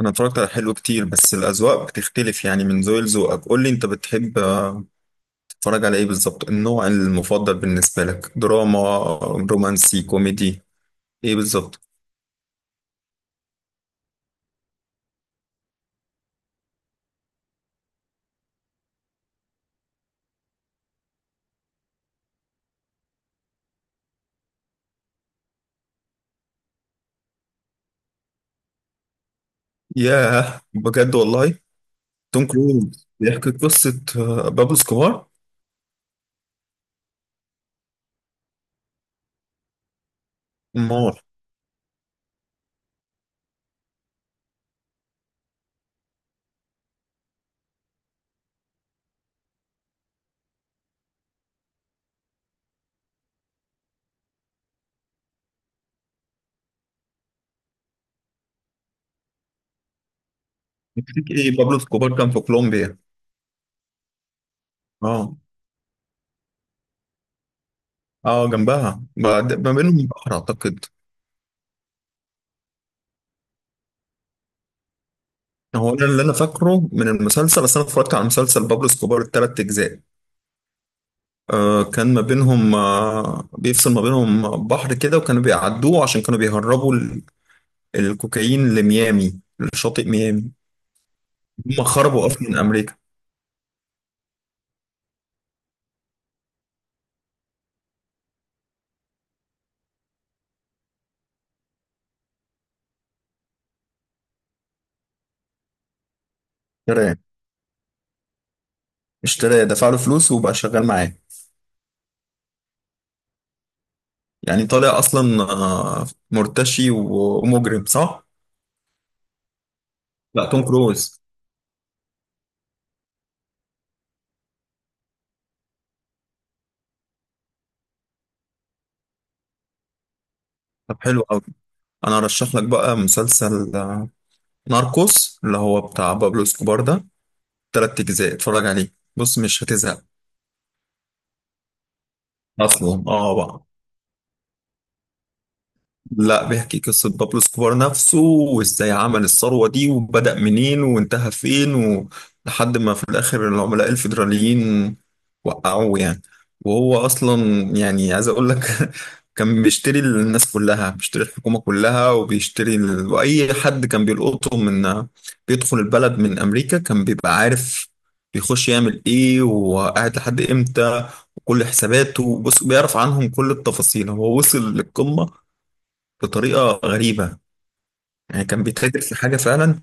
انا اتفرجت على حلو كتير، بس الاذواق بتختلف يعني من ذوق لذوقك. قول لي انت بتحب، تتفرج على ايه بالظبط؟ النوع المفضل بالنسبه لك دراما، رومانسي، كوميدي، ايه بالظبط؟ ياه بجد والله. توم كروز بيحكي قصه بابلو سكوبار. مار يكفيك ايه؟ بابلو سكوبار كان في كولومبيا. اه. اه جنبها، بعد ما بينهم بحر اعتقد. هو ده اللي انا فاكره من المسلسل، بس انا اتفرجت على مسلسل بابلو سكوبار الثلاث اجزاء. كان ما بينهم، بيفصل ما بينهم بحر كده، وكانوا بيعدوه عشان كانوا بيهربوا الكوكايين لميامي، لشاطئ ميامي. هم خربوا اصلا من امريكا. اشتراه. اشتراه، دفع له فلوس وبقى شغال معاه. يعني طالع اصلا مرتشي ومجرم، صح؟ لا، توم كروز. طب حلو قوي. انا ارشح لك بقى مسلسل ناركوس، اللي هو بتاع بابلو اسكوبار ده. تلات اجزاء، اتفرج عليه، بص مش هتزهق. اصلا اه بقى. لا، بيحكي قصة بابلو اسكوبار نفسه، وازاي عمل الثروة دي، وبدأ منين وانتهى فين، و لحد ما في الآخر العملاء الفيدراليين وقعوه يعني. وهو أصلا يعني عايز أقول لك كان بيشتري الناس كلها، بيشتري الحكومة كلها، وبيشتري وأي حد كان بيلقطه من بيدخل البلد من أمريكا كان بيبقى عارف بيخش يعمل ايه وقاعد لحد امتى، وكل حساباته بص بيعرف عنهم كل التفاصيل. هو وصل للقمة بطريقة غريبة. يعني كان بيتاجر في حاجة فعلا،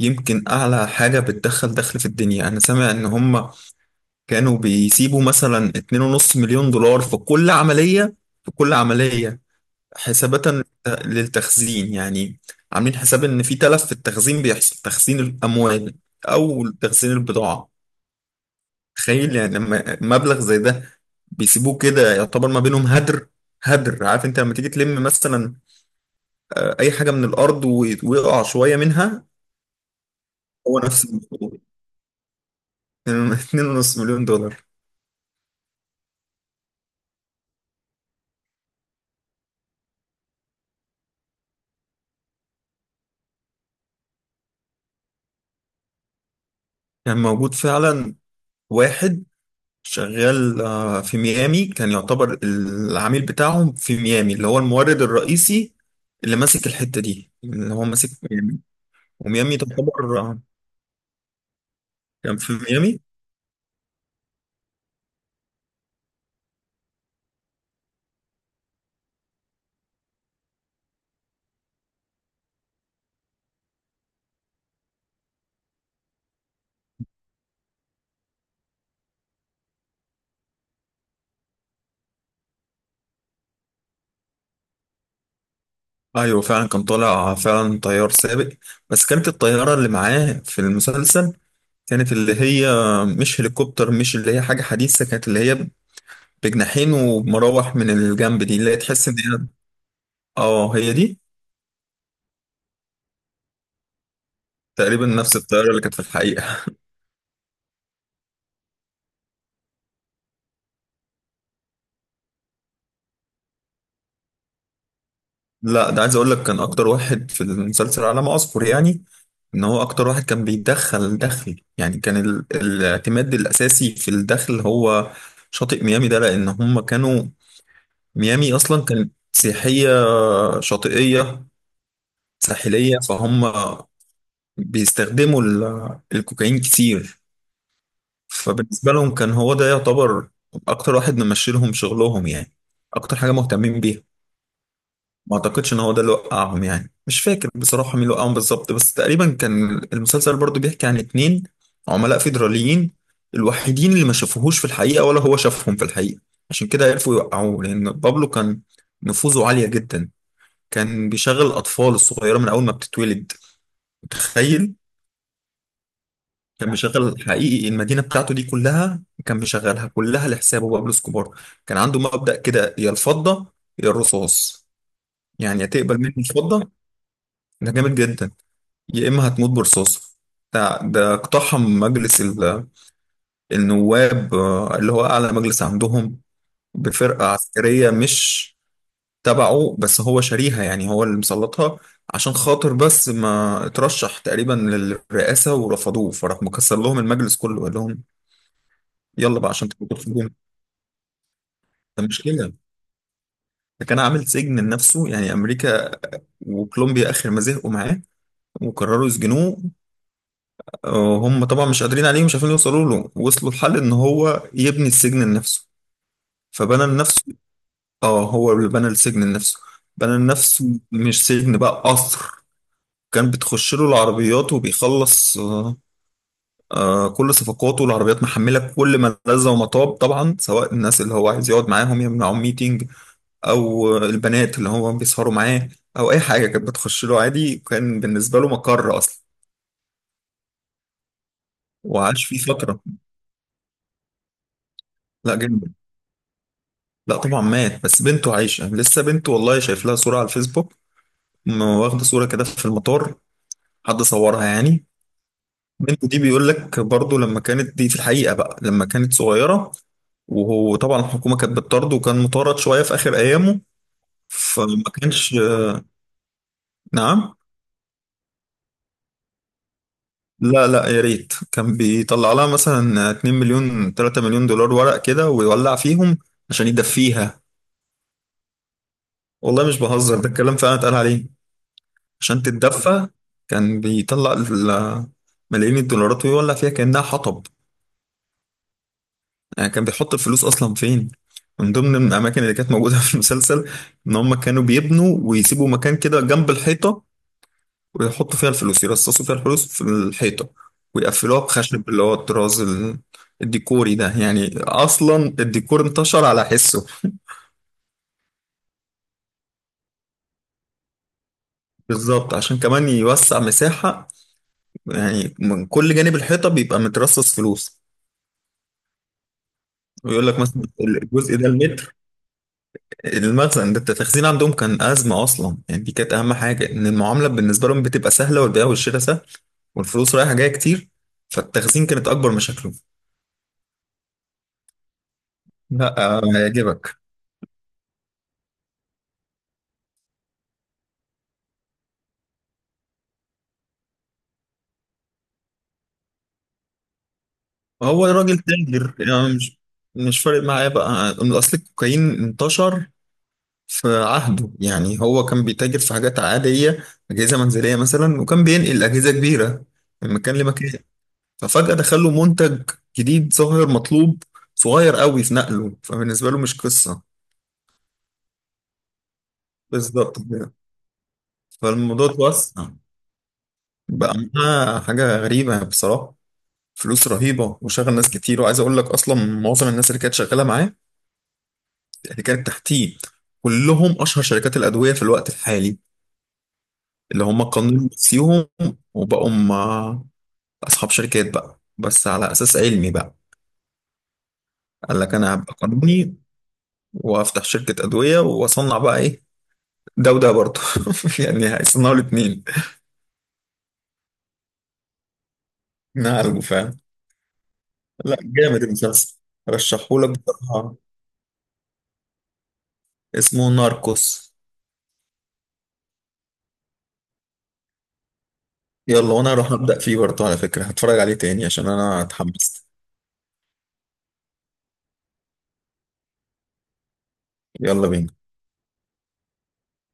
يمكن أعلى حاجة بتدخل دخل في الدنيا. أنا سامع إن هم كانوا بيسيبوا مثلا 2.5 مليون دولار في كل عملية، في كل عملية، حسابة للتخزين يعني. عاملين حساب إن في تلف في التخزين بيحصل، تخزين الأموال أو تخزين البضاعة. تخيل يعني لما مبلغ زي ده بيسيبوه كده، يعتبر ما بينهم هدر. هدر. عارف انت لما تيجي تلم مثلا اي حاجه من الارض ويقع شويه منها، هو نفس الموضوع. 2.5 مليون دولار. كان موجود فعلا واحد شغال في ميامي، كان يعتبر العميل بتاعهم في ميامي، اللي هو المورد الرئيسي، اللي ماسك الحته دي، اللي هو ماسك ميامي. وميامي تعتبر كان في ميامي. ايوه فعلا، كان طالع فعلا طيار سابق، بس كانت الطياره اللي معاه في المسلسل كانت اللي هي مش هليكوبتر، مش اللي هي حاجه حديثه، كانت اللي هي بجناحين ومراوح من الجنب، دي اللي هي تحس ان هي. اه هي دي. تقريبا نفس الطياره اللي كانت في الحقيقه. لا ده، عايز اقول لك، كان اكتر واحد في المسلسل على ما اذكر يعني. ان هو اكتر واحد كان بيدخل دخل يعني. كان الاعتماد الاساسي في الدخل هو شاطئ ميامي ده، لان هم كانوا ميامي اصلا كانت سياحيه شاطئيه ساحليه، فهم بيستخدموا الكوكايين كتير. فبالنسبة لهم كان هو ده يعتبر أكتر واحد ممشي لهم شغلهم يعني، أكتر حاجة مهتمين بيها. ما أعتقدش إن هو ده اللي وقعهم يعني، مش فاكر بصراحة مين اللي وقعهم بالظبط، بس تقريبا كان المسلسل برضو بيحكي عن اتنين عملاء فيدراليين، الوحيدين اللي ما شافوهوش في الحقيقة ولا هو شافهم في الحقيقة. عشان كده عرفوا يوقعوه، لأن بابلو كان نفوذه عالية جدا. كان بيشغل الأطفال الصغيرة من أول ما بتتولد. تخيل. كان مشغل حقيقي، المدينة بتاعته دي كلها كان مشغلها كلها لحسابه، بابلو اسكوبار. كان عنده مبدأ كده، يا الفضة يا الرصاص. يعني يا تقبل مني الفضة، ده جامد جدا، يا إما هتموت برصاص. ده اقتحم مجلس النواب، اللي هو أعلى مجلس عندهم، بفرقة عسكرية مش تبعه، بس هو شاريها، يعني هو اللي مسلطها. عشان خاطر بس ما اترشح تقريبا للرئاسة ورفضوه، فراح مكسر لهم المجلس كله، قال لهم يلا بقى عشان تبقى في الجون. ده مش كده، ده كان عامل سجن لنفسه يعني. امريكا وكولومبيا اخر ما زهقوا معاه وقرروا يسجنوه، هم طبعا مش قادرين عليه ومش عارفين يوصلوا له، وصلوا لحل ان هو يبني السجن لنفسه. فبنى لنفسه، اه هو اللي بنى السجن لنفسه. بنى لنفسه مش سجن بقى، قصر. كان بتخش له العربيات وبيخلص كل صفقاته، العربيات محمله كل ما لذ وما طاب طبعا، سواء الناس اللي هو عايز يقعد معاهم يمنعهم ميتنج، او البنات اللي هو بيسهروا معاه، او اي حاجه. كانت بتخش له عادي وكان بالنسبه له مقر اصلا، وعاش فيه فتره. لا جدا، لا طبعا مات. بس بنته عايشه لسه، بنته والله شايف لها صوره على الفيسبوك، واخده صوره كده في المطار، حد صورها يعني. بنته دي بيقول لك برضه، لما كانت دي في الحقيقه بقى، لما كانت صغيره، وهو طبعا الحكومه كانت بتطرده وكان مطارد شويه في اخر ايامه. فما كانش. نعم. لا لا، يا ريت. كان بيطلع لها مثلا 2 مليون 3 مليون دولار ورق كده ويولع فيهم عشان يدفيها. والله مش بهزر، ده الكلام فعلا اتقال عليه. عشان تتدفى، كان بيطلع ملايين الدولارات ويولع فيها كأنها حطب. يعني كان بيحط الفلوس أصلا فين؟ من ضمن الأماكن اللي كانت موجودة في المسلسل، إن هم كانوا بيبنوا ويسيبوا مكان كده جنب الحيطة، ويحطوا فيها الفلوس، يرصصوا فيها الفلوس في الحيطة، ويقفلوها بخشب اللي هو الطراز الديكوري ده. يعني أصلا الديكور انتشر على حسه. بالظبط، عشان كمان يوسع مساحة، يعني من كل جانب الحيطة بيبقى مترصص فلوس. ويقول لك مثلا الجزء ده المتر. المخزن ده، التخزين عندهم كان أزمة أصلا يعني، دي كانت أهم حاجة. إن المعاملة بالنسبة لهم بتبقى سهلة، والبيع والشراء سهل، والفلوس رايحة جاية كتير، فالتخزين كانت أكبر مشاكله. لا هيعجبك. هو الراجل تاجر يعني، مش فارق معاه بقى. اصل الكوكايين انتشر في عهده. يعني هو كان بيتاجر في حاجات عادية، أجهزة منزلية مثلا، وكان بينقل أجهزة كبيرة من مكان لمكان. ففجأة دخل له منتج جديد، ظاهر مطلوب، صغير قوي في نقله، فبالنسبة له مش قصة. بالظبط كده. فالموضوع اتوسع، بقى معاه حاجة غريبة بصراحة، فلوس رهيبة وشغل ناس كتير. وعايز أقول لك أصلا معظم الناس اللي كانت شغالة معاه، اللي كانت تحتيه، كلهم اشهر شركات الادويه في الوقت الحالي، اللي هم قانون نفسيهم وبقوا هم اصحاب شركات بقى، بس على اساس علمي بقى. قال لك انا هبقى قانوني وافتح شركه ادويه واصنع بقى ايه؟ ده وده برضه يعني هيصنعوا الاثنين. نعالجه، فاهم. لا جامد المسلسل، رشحهولك بصراحه. اسمه ناركوس. يلا، وانا هروح ابدا فيه برضه على فكره هتفرج عليه تاني عشان انا اتحمست. يلا بينا.